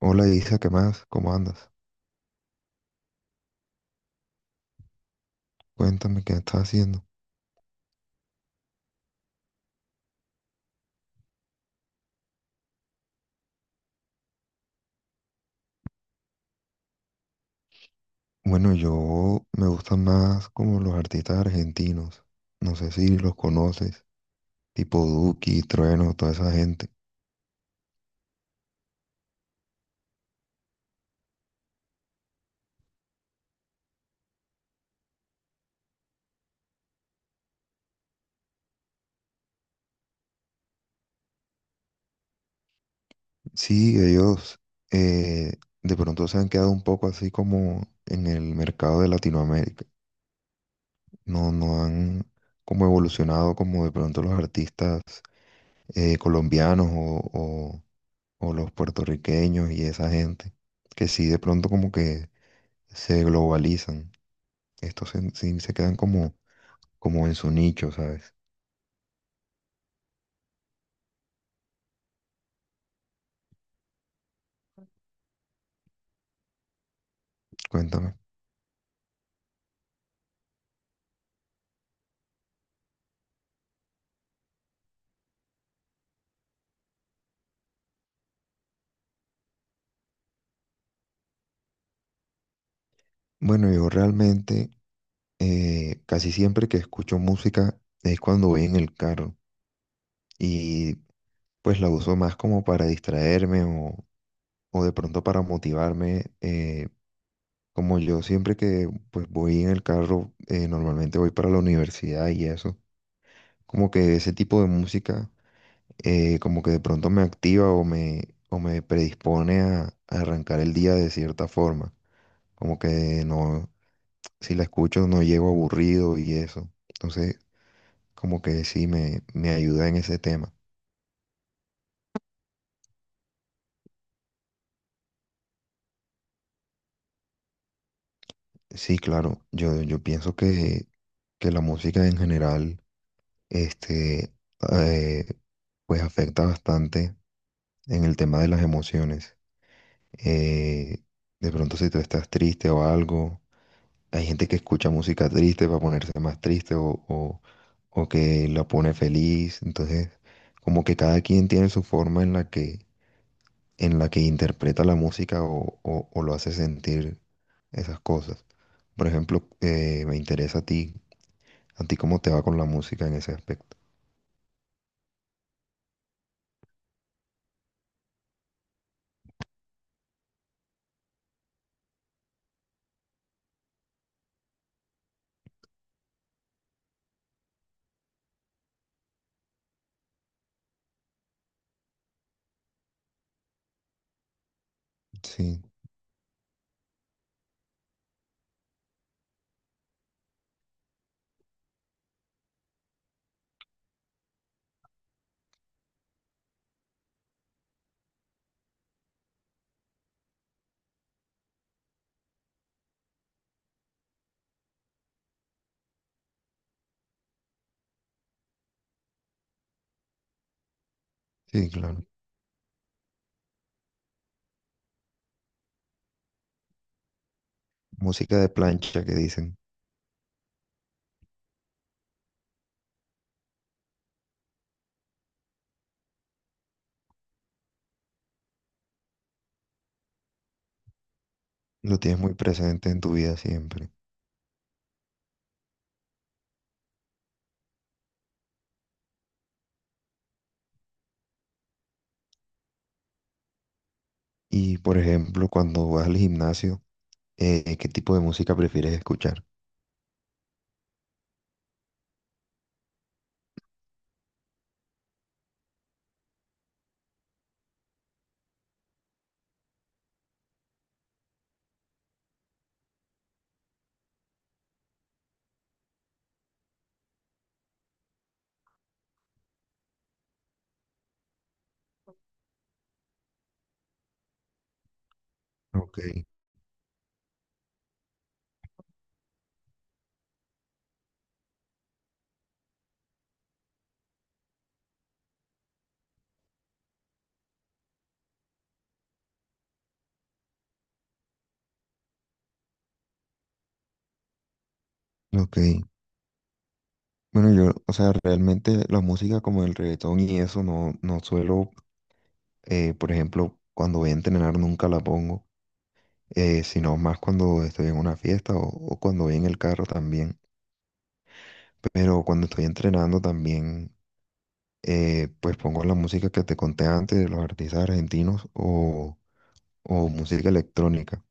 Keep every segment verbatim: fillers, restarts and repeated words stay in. Hola Isa, ¿qué más? ¿Cómo andas? Cuéntame qué estás haciendo. Bueno, yo me gustan más como los artistas argentinos. No sé si los conoces, tipo Duki, Trueno, toda esa gente. Sí, ellos eh, de pronto se han quedado un poco así como en el mercado de Latinoamérica. No, no han como evolucionado como de pronto los artistas eh, colombianos o, o o los puertorriqueños y esa gente. Que sí, de pronto como que se globalizan. Estos se, sí se quedan como, como en su nicho, ¿sabes? Cuéntame. Bueno, yo realmente eh, casi siempre que escucho música es cuando voy en el carro y pues la uso más como para distraerme, o, o de pronto para motivarme. Eh, como yo siempre que pues voy en el carro, eh, normalmente voy para la universidad y eso, como que ese tipo de música eh, como que de pronto me activa o me, o me predispone a, a arrancar el día de cierta forma. Como que no, si la escucho no llego aburrido y eso. Entonces, como que sí me, me ayuda en ese tema. Sí, claro, yo, yo pienso que, que la música en general, este, eh, pues afecta bastante en el tema de las emociones. Eh, de pronto si tú estás triste o algo. Hay gente que escucha música triste para ponerse más triste o, o- o que la pone feliz. Entonces, como que cada quien tiene su forma en la que, en la que interpreta la música o, o- o lo hace sentir esas cosas. Por ejemplo, eh, me interesa a ti, a ti cómo te va con la música en ese aspecto. Sí, sí, claro. Música de plancha que dicen, lo tienes muy presente en tu vida siempre. Y por ejemplo, cuando vas al gimnasio, eh, ¿qué tipo de música prefieres escuchar? Ok. Ok, bueno, yo, o sea, realmente la música como el reggaetón y eso no, no suelo, eh, por ejemplo, cuando voy a entrenar nunca la pongo, eh, sino más cuando estoy en una fiesta o, o cuando voy en el carro también. Pero cuando estoy entrenando también, eh, pues pongo la música que te conté antes, de los artistas argentinos o, o música electrónica,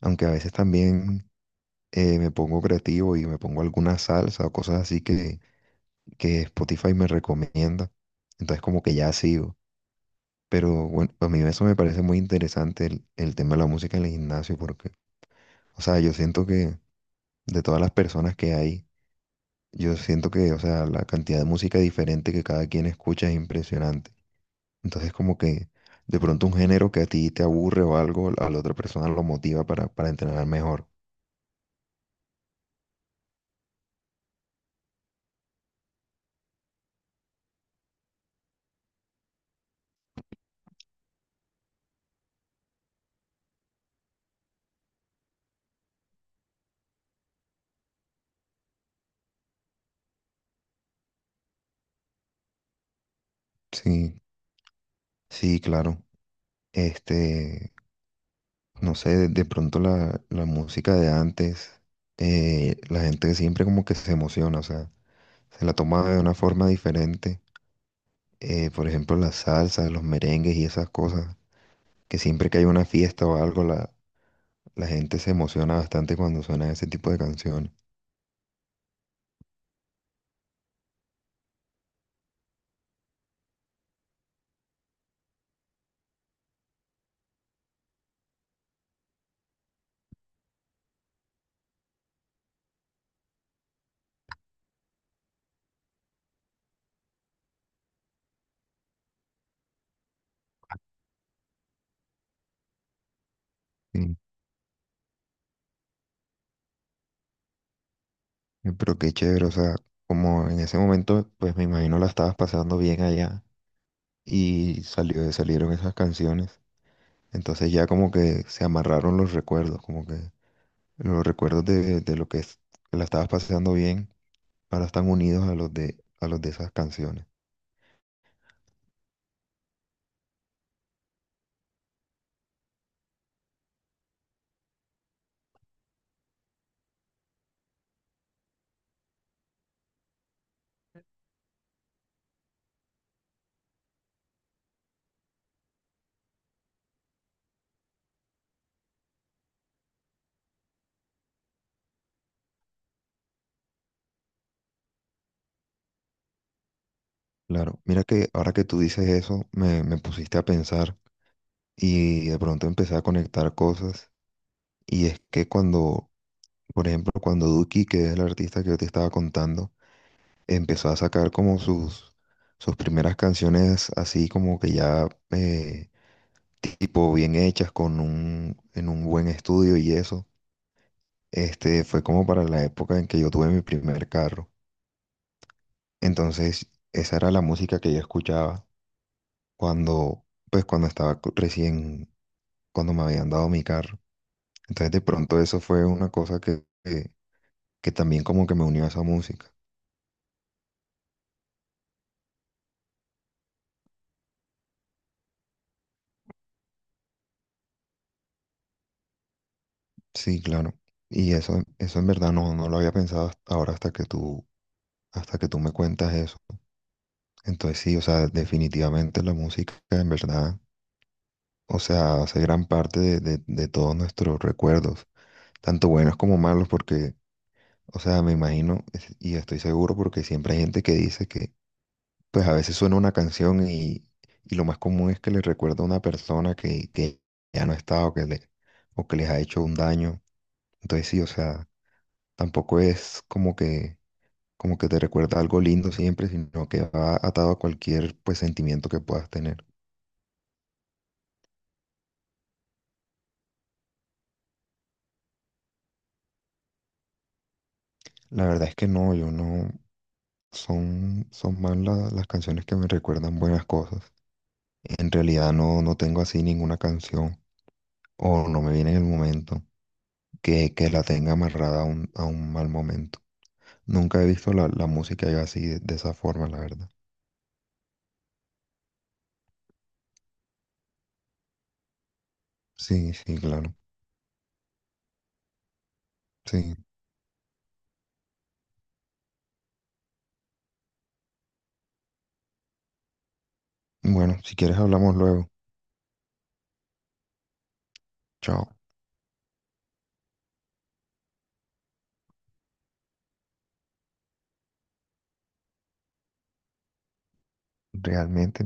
aunque a veces también eh, me pongo creativo y me pongo alguna salsa o cosas así que Spotify me recomienda. Entonces como que ya sigo. Pero bueno, a mí eso me parece muy interesante el, el tema de la música en el gimnasio porque, o sea, yo siento que de todas las personas que hay, yo siento que, o sea, la cantidad de música diferente que cada quien escucha es impresionante. Entonces como que de pronto un género que a ti te aburre o algo, a la otra persona lo motiva para, para entrenar mejor. Sí, sí, claro. Este, no sé, de, de pronto la, la música de antes, eh, la gente siempre como que se emociona, o sea, se la toma de una forma diferente. Eh, por ejemplo, las salsas, los merengues y esas cosas, que siempre que hay una fiesta o algo, la, la gente se emociona bastante cuando suena ese tipo de canciones. Sí. Eh, Pero qué chévere, o sea, como en ese momento, pues me imagino la estabas pasando bien allá y salió, salieron esas canciones. Entonces ya como que se amarraron los recuerdos, como que los recuerdos de, de lo que, es- que la estabas pasando bien ahora están unidos a los de, a los de esas canciones. Claro, mira que ahora que tú dices eso, me, me pusiste a pensar y de pronto empecé a conectar cosas. Y es que cuando, por ejemplo, cuando Duki, que es el artista que yo te estaba contando, empezó a sacar como sus, sus primeras canciones así como que ya eh, tipo bien hechas, con un, en un buen estudio y eso. Este, fue como para la época en que yo tuve mi primer carro. Entonces, esa era la música que yo escuchaba cuando, pues, cuando estaba co- recién, cuando me habían dado mi carro. Entonces, de pronto eso fue una cosa que, que, que también como que me unió a esa música. Sí, claro. Y eso, eso en verdad no, no lo había pensado hasta ahora, hasta que tú, hasta que tú me cuentas eso. Entonces, sí, o sea, definitivamente la música en verdad, o sea, hace gran parte de, de de todos nuestros recuerdos, tanto buenos como malos, porque, o sea, me imagino es- y estoy seguro porque siempre hay gente que dice que, pues a veces suena una canción y, y lo más común es que le recuerda a una persona que, que ya no está o que, le, o que les ha hecho un daño. Entonces sí, o sea, tampoco es como que, como que te recuerda algo lindo siempre, sino que va atado a cualquier, pues, sentimiento que puedas tener. La verdad es que no, yo no, son, son más la- las canciones que me recuerdan buenas cosas. En realidad no, no tengo así ninguna canción o no me viene en el momento que, que la tenga amarrada a un, a un mal momento. Nunca he visto la, la música yo así de, de esa forma, la verdad. Sí, sí, claro. Sí. Bueno, si quieres hablamos luego. Chao. Realmente.